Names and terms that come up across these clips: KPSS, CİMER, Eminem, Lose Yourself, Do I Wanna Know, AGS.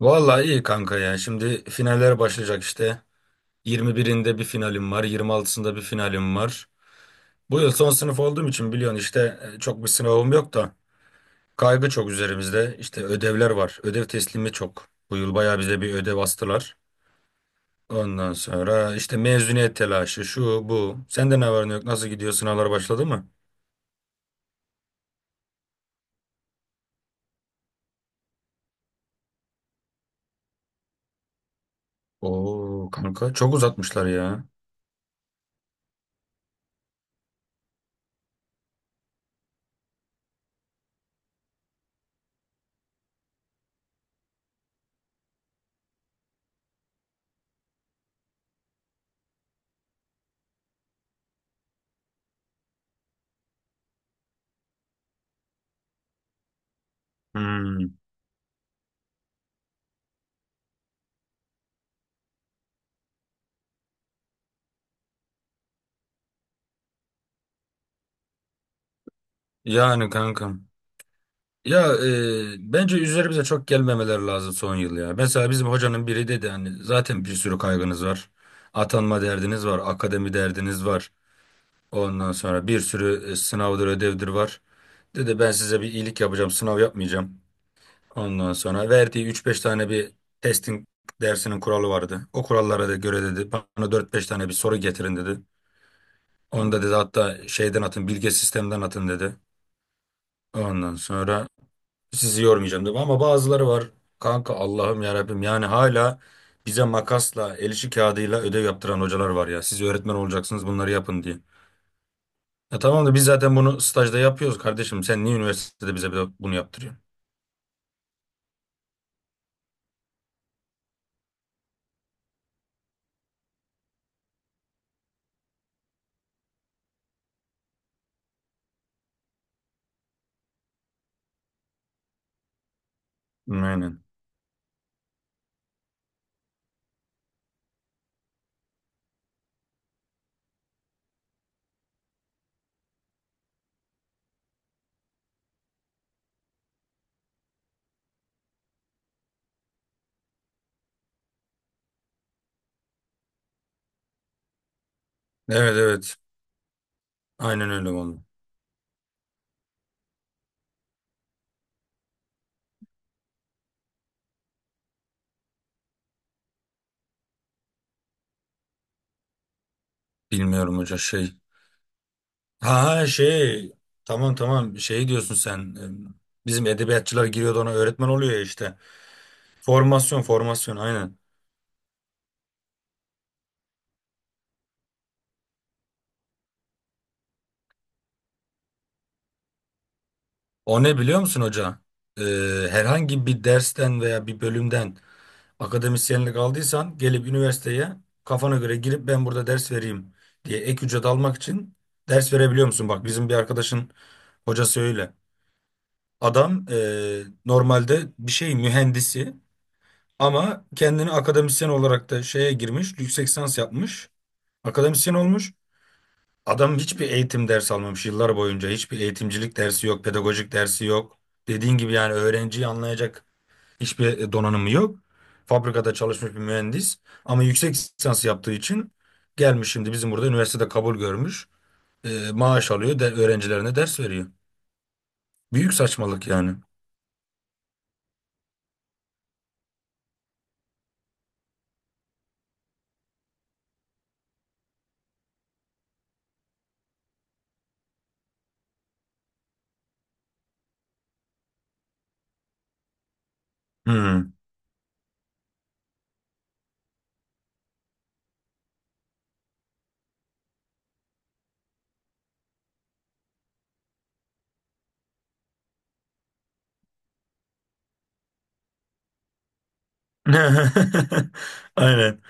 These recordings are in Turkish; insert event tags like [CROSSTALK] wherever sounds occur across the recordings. Vallahi iyi kanka ya. Şimdi finaller başlayacak işte. 21'inde bir finalim var, 26'sında bir finalim var. Bu yıl son sınıf olduğum için biliyorsun işte çok bir sınavım yok da kaygı çok üzerimizde. İşte ödevler var. Ödev teslimi çok. Bu yıl bayağı bize bir ödev astılar. Ondan sonra işte mezuniyet telaşı, şu bu. Sende ne var ne yok? Nasıl gidiyor? Sınavlar başladı mı? Oo kanka çok uzatmışlar ya. Hmm. Yani kankam. Ya bence üzerimize çok gelmemeleri lazım son yıl ya. Mesela bizim hocanın biri dedi hani zaten bir sürü kaygınız var. Atanma derdiniz var, akademi derdiniz var. Ondan sonra bir sürü sınavdır, ödevdir var. Dedi ben size bir iyilik yapacağım, sınav yapmayacağım. Ondan sonra verdiği üç beş tane bir testing dersinin kuralı vardı. O kurallara da göre dedi bana dört beş tane bir soru getirin dedi. Onu da dedi hatta şeyden atın, bilge sistemden atın dedi. Ondan sonra sizi yormayacağım dedim ama bazıları var. Kanka Allah'ım ya Rabbim yani hala bize makasla, el işi kağıdıyla ödev yaptıran hocalar var ya. Siz öğretmen olacaksınız bunları yapın diye. Ya tamam da biz zaten bunu stajda yapıyoruz kardeşim. Sen niye üniversitede bize bunu yaptırıyorsun? Aynen. Evet, evet. Aynen öyle oldu. Bilmiyorum hoca şey. Ha ha, şey. Tamam, tamam, şey diyorsun sen. Bizim edebiyatçılar giriyordu ona öğretmen oluyor ya işte. Formasyon, formasyon, aynen. O ne biliyor musun hoca? Ee, Herhangi bir dersten veya bir bölümden akademisyenlik aldıysan gelip üniversiteye kafana göre girip ben burada ders vereyim diye ek ücret almak için ders verebiliyor musun? Bak bizim bir arkadaşın hocası öyle. Adam normalde bir şey mühendisi ama kendini akademisyen olarak da şeye girmiş, yüksek lisans yapmış, akademisyen olmuş. Adam hiçbir eğitim ders almamış yıllar boyunca. Hiçbir eğitimcilik dersi yok, pedagojik dersi yok. Dediğin gibi yani öğrenciyi anlayacak hiçbir donanımı yok. Fabrikada çalışmış bir mühendis ama yüksek lisans yaptığı için gelmiş şimdi bizim burada üniversitede kabul görmüş. Maaş alıyor, öğrencilerine ders veriyor. Büyük saçmalık yani. Hmm. [LAUGHS] Aynen.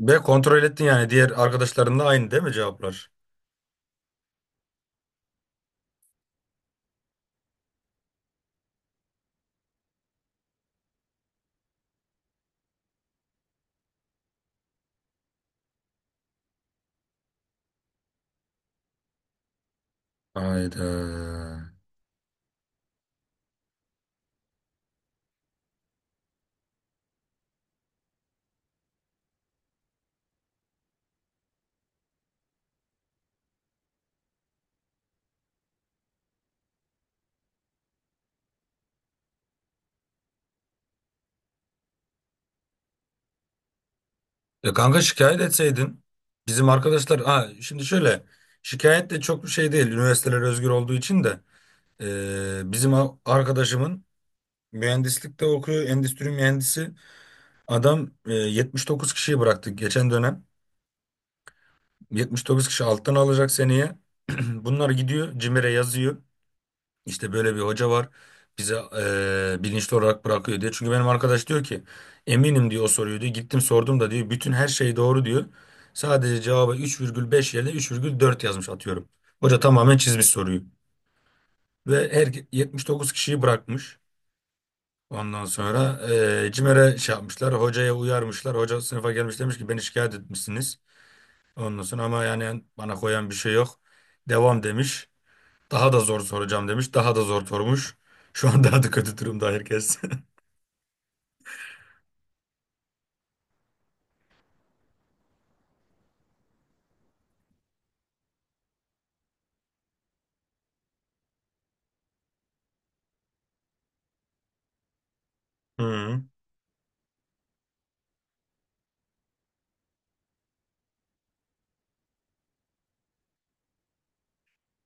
Ve kontrol ettin yani diğer arkadaşlarınla aynı değil mi cevaplar? Hayda. Ya kanka şikayet etseydin bizim arkadaşlar ha şimdi şöyle şikayet de çok bir şey değil üniversiteler özgür olduğu için de. Bizim arkadaşımın mühendislikte okuyor endüstri mühendisi adam 79 kişiyi bıraktık geçen dönem. 79 kişi alttan alacak seneye [CLEARS THROAT] bunlar gidiyor CİMER'e yazıyor. İşte böyle bir hoca var bize bilinçli olarak bırakıyor diye. Çünkü benim arkadaş diyor ki eminim diyor o soruyu diyor. Gittim sordum da diyor bütün her şey doğru diyor. Sadece cevaba 3,5 yerine 3,4 yazmış atıyorum. Hoca tamamen çizmiş soruyu. Ve her 79 kişiyi bırakmış. Ondan sonra CİMER'e şey yapmışlar. Hocaya uyarmışlar. Hoca sınıfa gelmiş demiş ki beni şikayet etmişsiniz. Ondan sonra ama yani bana koyan bir şey yok. Devam demiş. Daha da zor soracağım demiş. Daha da zor sormuş. Şu an daha da kötü durumda herkes. [LAUGHS] Hı.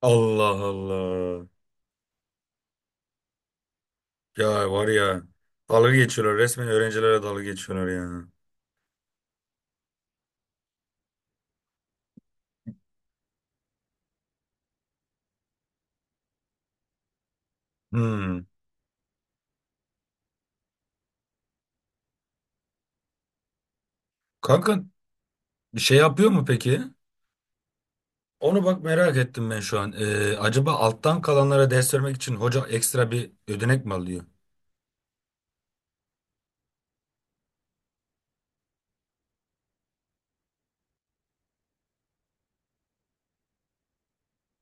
Allah, Allah. Ya var ya. Dalga geçiyorlar. Resmen öğrencilere dalga geçiyorlar ya. Hı. Kanka bir şey yapıyor mu peki? Onu bak merak ettim ben şu an. Acaba alttan kalanlara ders vermek için hoca ekstra bir ödenek mi alıyor?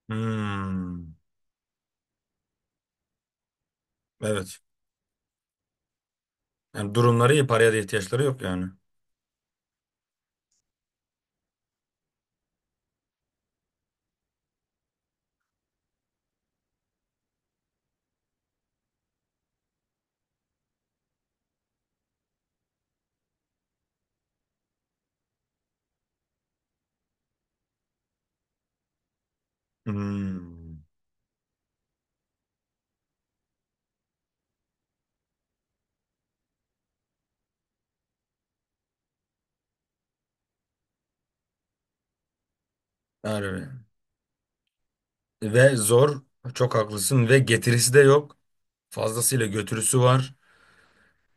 Hmm. Evet. Yani durumları iyi. Paraya da ihtiyaçları yok yani. Hmm. Yani. Ve zor. Çok haklısın. Ve getirisi de yok. Fazlasıyla götürüsü var.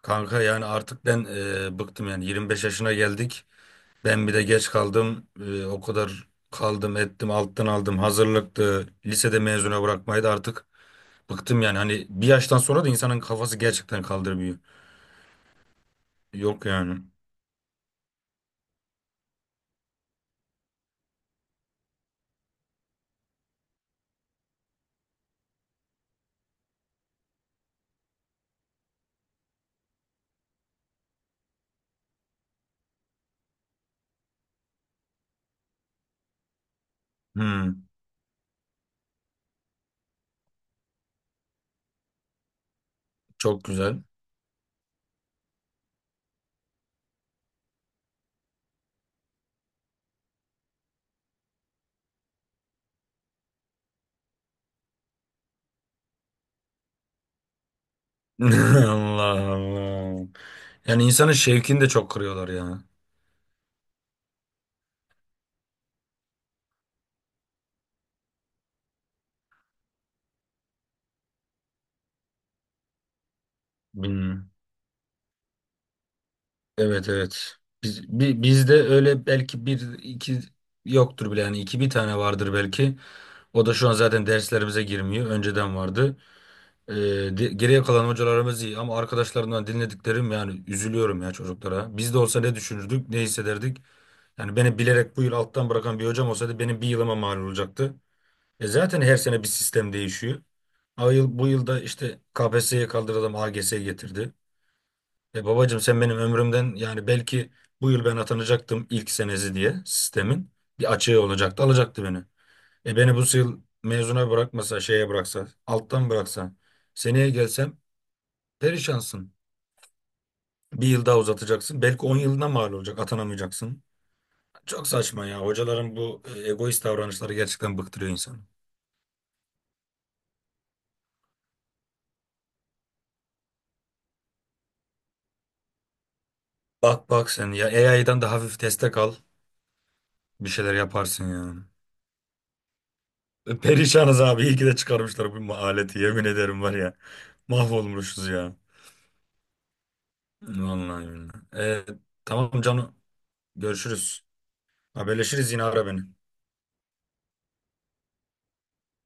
Kanka yani artık ben bıktım yani 25 yaşına geldik. Ben bir de geç kaldım. O kadar kaldım ettim alttan aldım hazırlıktı. Lisede mezuna bırakmayı da artık bıktım yani. Hani bir yaştan sonra da insanın kafası gerçekten kaldırmıyor. Yok yani. Hmm, Çok güzel. [LAUGHS] Allah, Allah. Yani insanın şevkini de çok kırıyorlar ya. Evet, evet. Bizde öyle belki bir iki yoktur bile yani iki bir tane vardır belki. O da şu an zaten derslerimize girmiyor. Önceden vardı. Ee, Geriye kalan hocalarımız iyi ama arkadaşlarımdan dinlediklerim yani üzülüyorum ya çocuklara. Biz de olsa ne düşünürdük, ne hissederdik? Yani beni bilerek bu yıl alttan bırakan bir hocam olsaydı benim bir yılıma mal olacaktı. E zaten her sene bir sistem değişiyor. Bu yılda işte KPSS'ye kaldıralım AGS getirdi. E babacığım sen benim ömrümden yani belki bu yıl ben atanacaktım ilk senesi diye sistemin bir açığı olacaktı alacaktı beni. E beni bu yıl mezuna bırakmasa şeye bıraksa alttan bıraksa seneye gelsem perişansın. Bir yıl daha uzatacaksın belki 10 yılına mal olacak atanamayacaksın. Çok saçma ya hocaların bu egoist davranışları gerçekten bıktırıyor insanı. Bak, bak sen ya AI'dan da hafif destek al bir şeyler yaparsın ya. Perişanız abi. İyi ki de çıkarmışlar bu aleti. Yemin ederim var ya. Mahvolmuşuz ya. Vallahi billahi. Tamam Canu. Görüşürüz. Haberleşiriz yine ara beni.